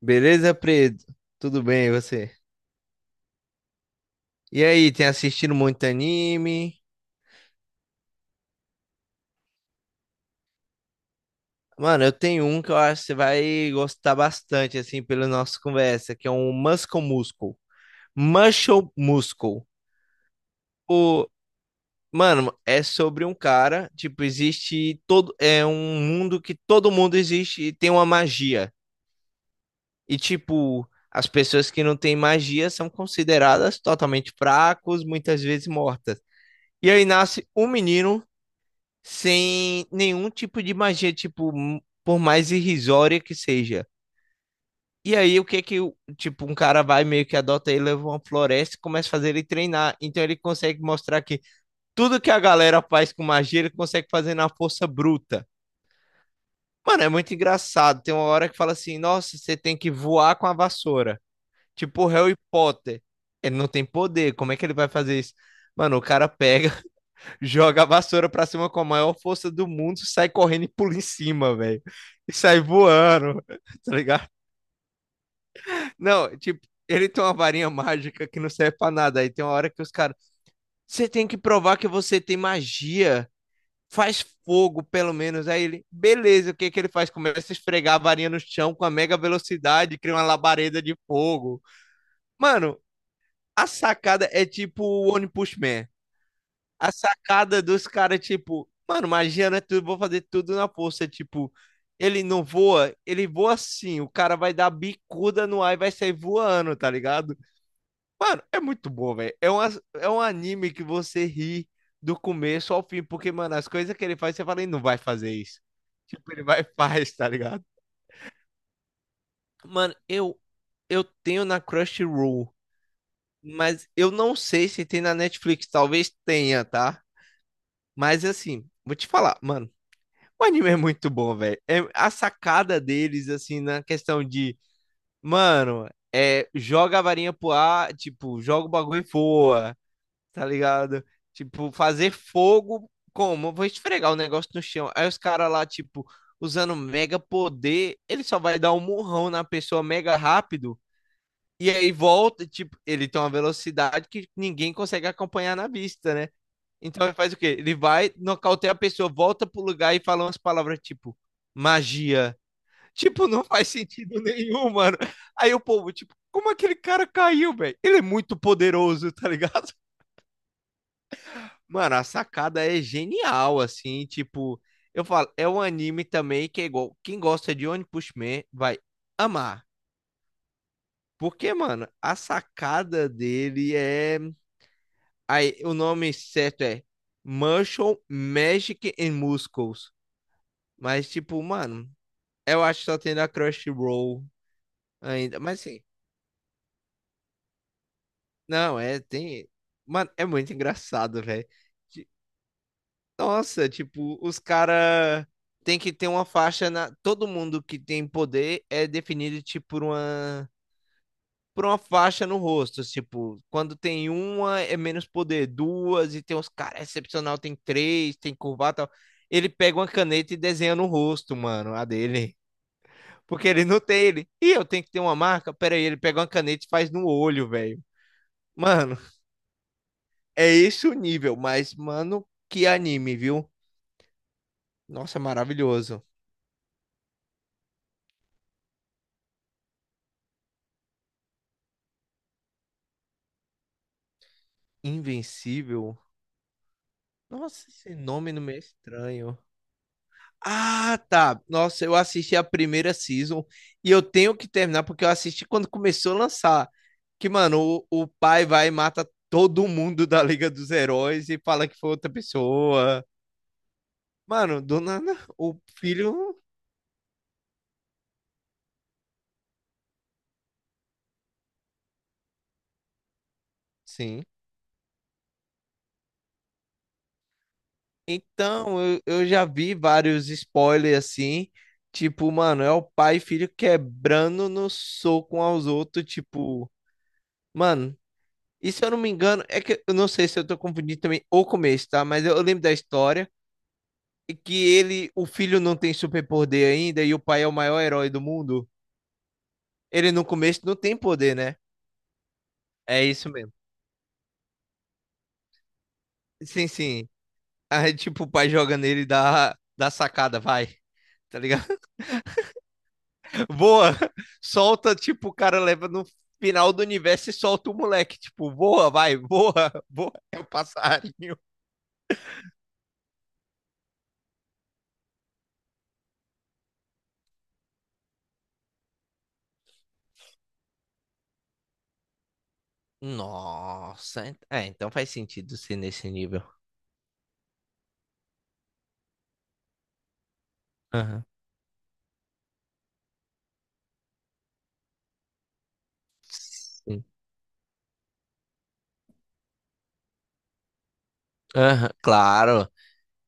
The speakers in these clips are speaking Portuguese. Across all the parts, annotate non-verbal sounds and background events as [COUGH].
Beleza, Preto? Tudo bem, e você? E aí, tem assistido muito anime? Mano, eu tenho um que eu acho que você vai gostar bastante, assim, pela nossa conversa, que é um Muscle Muscle. Muscle Muscle. O... Mano, é sobre um cara, tipo, existe todo... É um mundo que todo mundo existe e tem uma magia. E, tipo, as pessoas que não têm magia são consideradas totalmente fracos, muitas vezes mortas. E aí nasce um menino sem nenhum tipo de magia, tipo, por mais irrisória que seja. E aí, o que que, o- tipo, um cara vai meio que adota ele, leva uma floresta e começa a fazer ele treinar. Então, ele consegue mostrar que tudo que a galera faz com magia, ele consegue fazer na força bruta. Mano, é muito engraçado. Tem uma hora que fala assim: nossa, você tem que voar com a vassoura. Tipo, o Harry Potter. Ele não tem poder, como é que ele vai fazer isso? Mano, o cara pega, joga a vassoura pra cima com a maior força do mundo, sai correndo e pula em cima, velho. E sai voando, [LAUGHS] tá ligado? Não, tipo, ele tem uma varinha mágica que não serve pra nada. Aí tem uma hora que os caras, você tem que provar que você tem magia. Faz fogo, pelo menos. Aí ele, beleza, o que que ele faz? Começa a esfregar a varinha no chão com a mega velocidade, cria uma labareda de fogo. Mano, a sacada é tipo o One Punch Man. A sacada dos caras, tipo, mano, magia não é tudo, vou fazer tudo na força. Tipo, ele não voa, ele voa assim, o cara vai dar bicuda no ar e vai sair voando, tá ligado? Mano, é muito bom, velho. É, uma, é um anime que você ri do começo ao fim, porque, mano, as coisas que ele faz, você fala, ele não vai fazer isso. Tipo, ele vai e faz, tá ligado? Mano, eu tenho na Crunchyroll, mas eu não sei se tem na Netflix, talvez tenha, tá? Mas assim, vou te falar, mano. O anime é muito bom, velho. É a sacada deles, assim, na questão de, mano, é, joga a varinha pro ar, tipo, joga o bagulho e voa, tá ligado? Tipo, fazer fogo como? Eu vou esfregar o negócio no chão. Aí os caras lá, tipo, usando mega poder, ele só vai dar um murrão na pessoa mega rápido. E aí volta, tipo, ele tem uma velocidade que ninguém consegue acompanhar na vista, né? Então ele faz o quê? Ele vai, nocauteia a pessoa, volta pro lugar e fala umas palavras tipo magia. Tipo, não faz sentido [LAUGHS] nenhum, mano. Aí o povo, tipo, como aquele cara caiu, velho? Ele é muito poderoso, tá ligado? [LAUGHS] Mano, a sacada é genial, assim, tipo, eu falo, é um anime também que é igual, quem gosta de One Punch Man vai amar. Porque, mano, a sacada dele é, aí o nome certo é Martial Magic and Muscles. Mas, tipo, mano, eu acho que só tem da Crunchyroll ainda. Mas, assim, não, é, tem... Mano, é muito engraçado, velho. Ti- Nossa, tipo, os cara tem que ter uma faixa na... Todo mundo que tem poder é definido, tipo, por uma... Por uma faixa no rosto, tipo, quando tem uma é menos poder, duas, e tem uns caras excepcional, tem três, tem curvado e tal. Ele pega uma caneta e desenha no rosto, mano, a dele. Porque ele não tem ele. E eu tenho que ter uma marca? Pera aí, ele pega uma caneta e faz no olho, velho. Mano, é esse o nível, mas, mano, que anime, viu? Nossa, maravilhoso. Invencível? Nossa, esse nome não me é estranho. Ah, tá. Nossa, eu assisti a primeira season e eu tenho que terminar porque eu assisti quando começou a lançar. Que, mano, o pai vai e mata todo mundo da Liga dos Heróis e fala que foi outra pessoa. Mano, do nada, o filho. Sim. Então, eu já vi vários spoilers assim, tipo, mano, é o pai e filho quebrando no soco um aos outros, tipo, mano, e se eu não me engano, é que eu não sei se eu tô confundindo também o começo, tá? Mas eu lembro da história e que ele, o filho não tem superpoder ainda e o pai é o maior herói do mundo. Ele no começo não tem poder, né? É isso mesmo. Sim, sim. Aí, tipo, o pai joga nele e dá sacada, vai, tá ligado? Voa, [LAUGHS] solta, tipo, o cara leva no final do universo e solta o moleque, tipo, voa, vai, voa, voa, [LAUGHS] é o passarinho. Nossa, é, então faz sentido ser nesse nível. Aham. Sim. Aham, claro.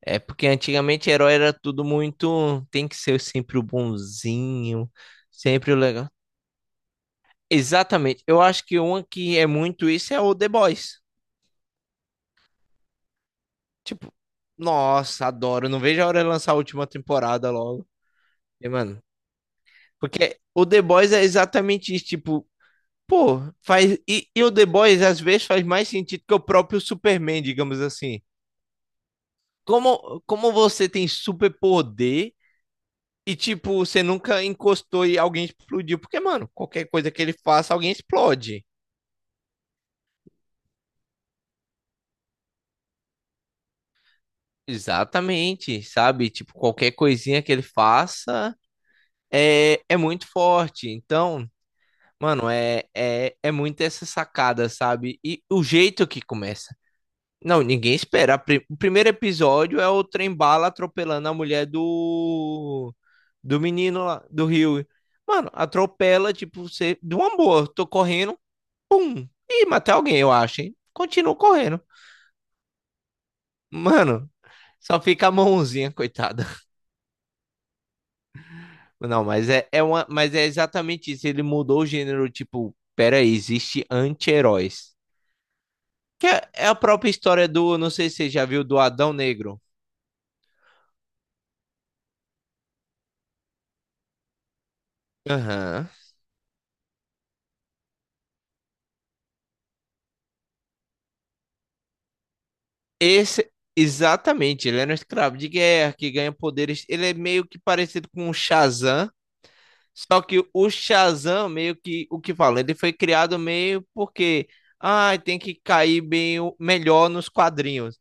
É porque antigamente herói era tudo muito. Tem que ser sempre o bonzinho, sempre o legal. Exatamente. Eu acho que uma que é muito isso é o The Boys. Tipo, nossa, adoro. Não vejo a hora de lançar a última temporada logo. E, mano, porque o The Boys é exatamente isso, tipo, pô, faz. E o The Boys às vezes faz mais sentido que o próprio Superman, digamos assim. Como você tem superpoder e, tipo, você nunca encostou e alguém explodiu? Porque, mano, qualquer coisa que ele faça, alguém explode. Exatamente, sabe? Tipo, qualquer coisinha que ele faça é muito forte. Então, mano, é muito essa sacada, sabe? E o jeito que começa. Não, ninguém espera. O primeiro episódio é o trem-bala atropelando a mulher do menino lá, do Rio. Mano, atropela, tipo, você, de uma boa, tô correndo, pum, e matei alguém, eu acho, hein? Continuo correndo. Mano, só fica a mãozinha, coitada. Não, mas é uma, mas é exatamente isso. Ele mudou o gênero, tipo, peraí, existe anti-heróis. Que é a própria história do, não sei se você já viu, do Adão Negro. Aham. Esse, exatamente, ele era um escravo de guerra que ganha poderes. Ele é meio que parecido com o Shazam, só que o Shazam, meio que o que fala, ele foi criado meio porque ah, tem que cair bem melhor nos quadrinhos.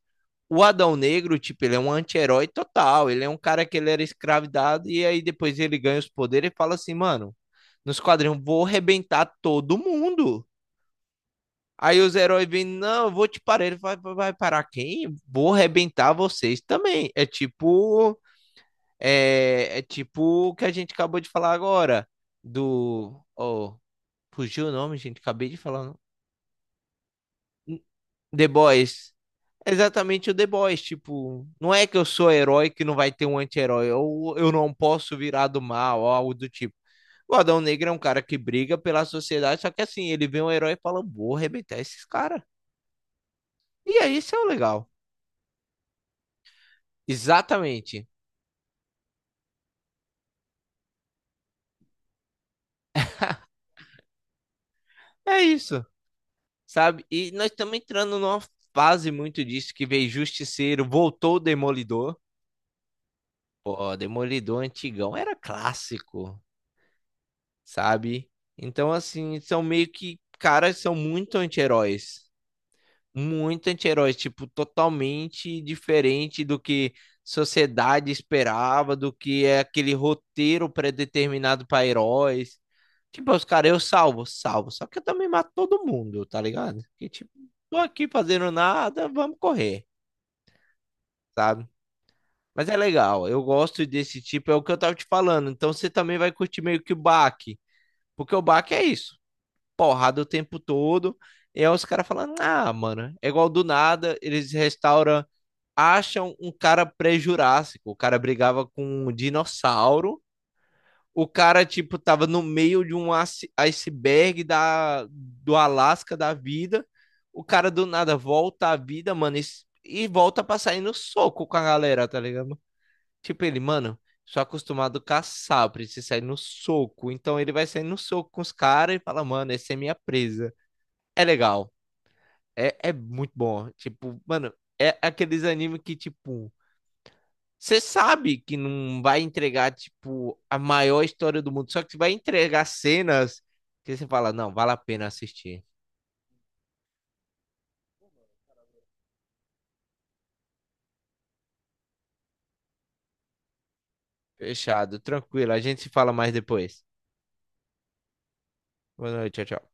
O Adão Negro, tipo, ele é um anti-herói total. Ele é um cara que ele era escravidado e aí depois ele ganha os poderes e fala assim, mano, nos quadrinhos vou arrebentar todo mundo. Aí os heróis vêm, não, eu vou te parar. Ele vai parar quem? Vou arrebentar vocês também. É tipo. É, é tipo o que a gente acabou de falar agora. Do. Oh, fugiu o nome, gente. Acabei de falar. The Boys. É exatamente o The Boys. Tipo, não é que eu sou herói que não vai ter um anti-herói. Ou eu não posso virar do mal, ou algo do tipo. O Adão Negro é um cara que briga pela sociedade, só que assim, ele vê um herói e fala: vou arrebentar esses caras. E aí, isso é o legal. Exatamente. É isso, sabe? E nós estamos entrando numa fase muito disso que veio Justiceiro, voltou o Demolidor. Pô, Demolidor antigão era clássico, sabe? Então, assim, são meio que, caras são muito anti-heróis, muito anti-herói, tipo, totalmente diferente do que sociedade esperava, do que é aquele roteiro predeterminado para heróis. Tipo, os caras, eu salvo, salvo. Só que eu também mato todo mundo, tá ligado? Que tipo, tô aqui fazendo nada, vamos correr, sabe? Mas é legal, eu gosto desse tipo, é o que eu tava te falando. Então você também vai curtir meio que o baque, porque o baque é isso, porrada o tempo todo. E aí os caras falando, ah, mano, é igual do nada, eles restauram, acham um cara pré-jurássico. O cara brigava com um dinossauro. O cara, tipo, tava no meio de um iceberg do Alasca da vida. O cara do nada volta à vida, mano, e volta pra sair no soco com a galera, tá ligado? Tipo, ele, mano, sou acostumado a caçar, eu preciso sair no soco. Então ele vai sair no soco com os caras e fala, mano, essa é minha presa. É legal. É, é muito bom. Tipo, mano, é aqueles animes que, tipo, você sabe que não vai entregar, tipo, a maior história do mundo, só que vai entregar cenas que você fala, não, vale a pena assistir. Fechado, tranquilo. A gente se fala mais depois. Boa noite, tchau, tchau.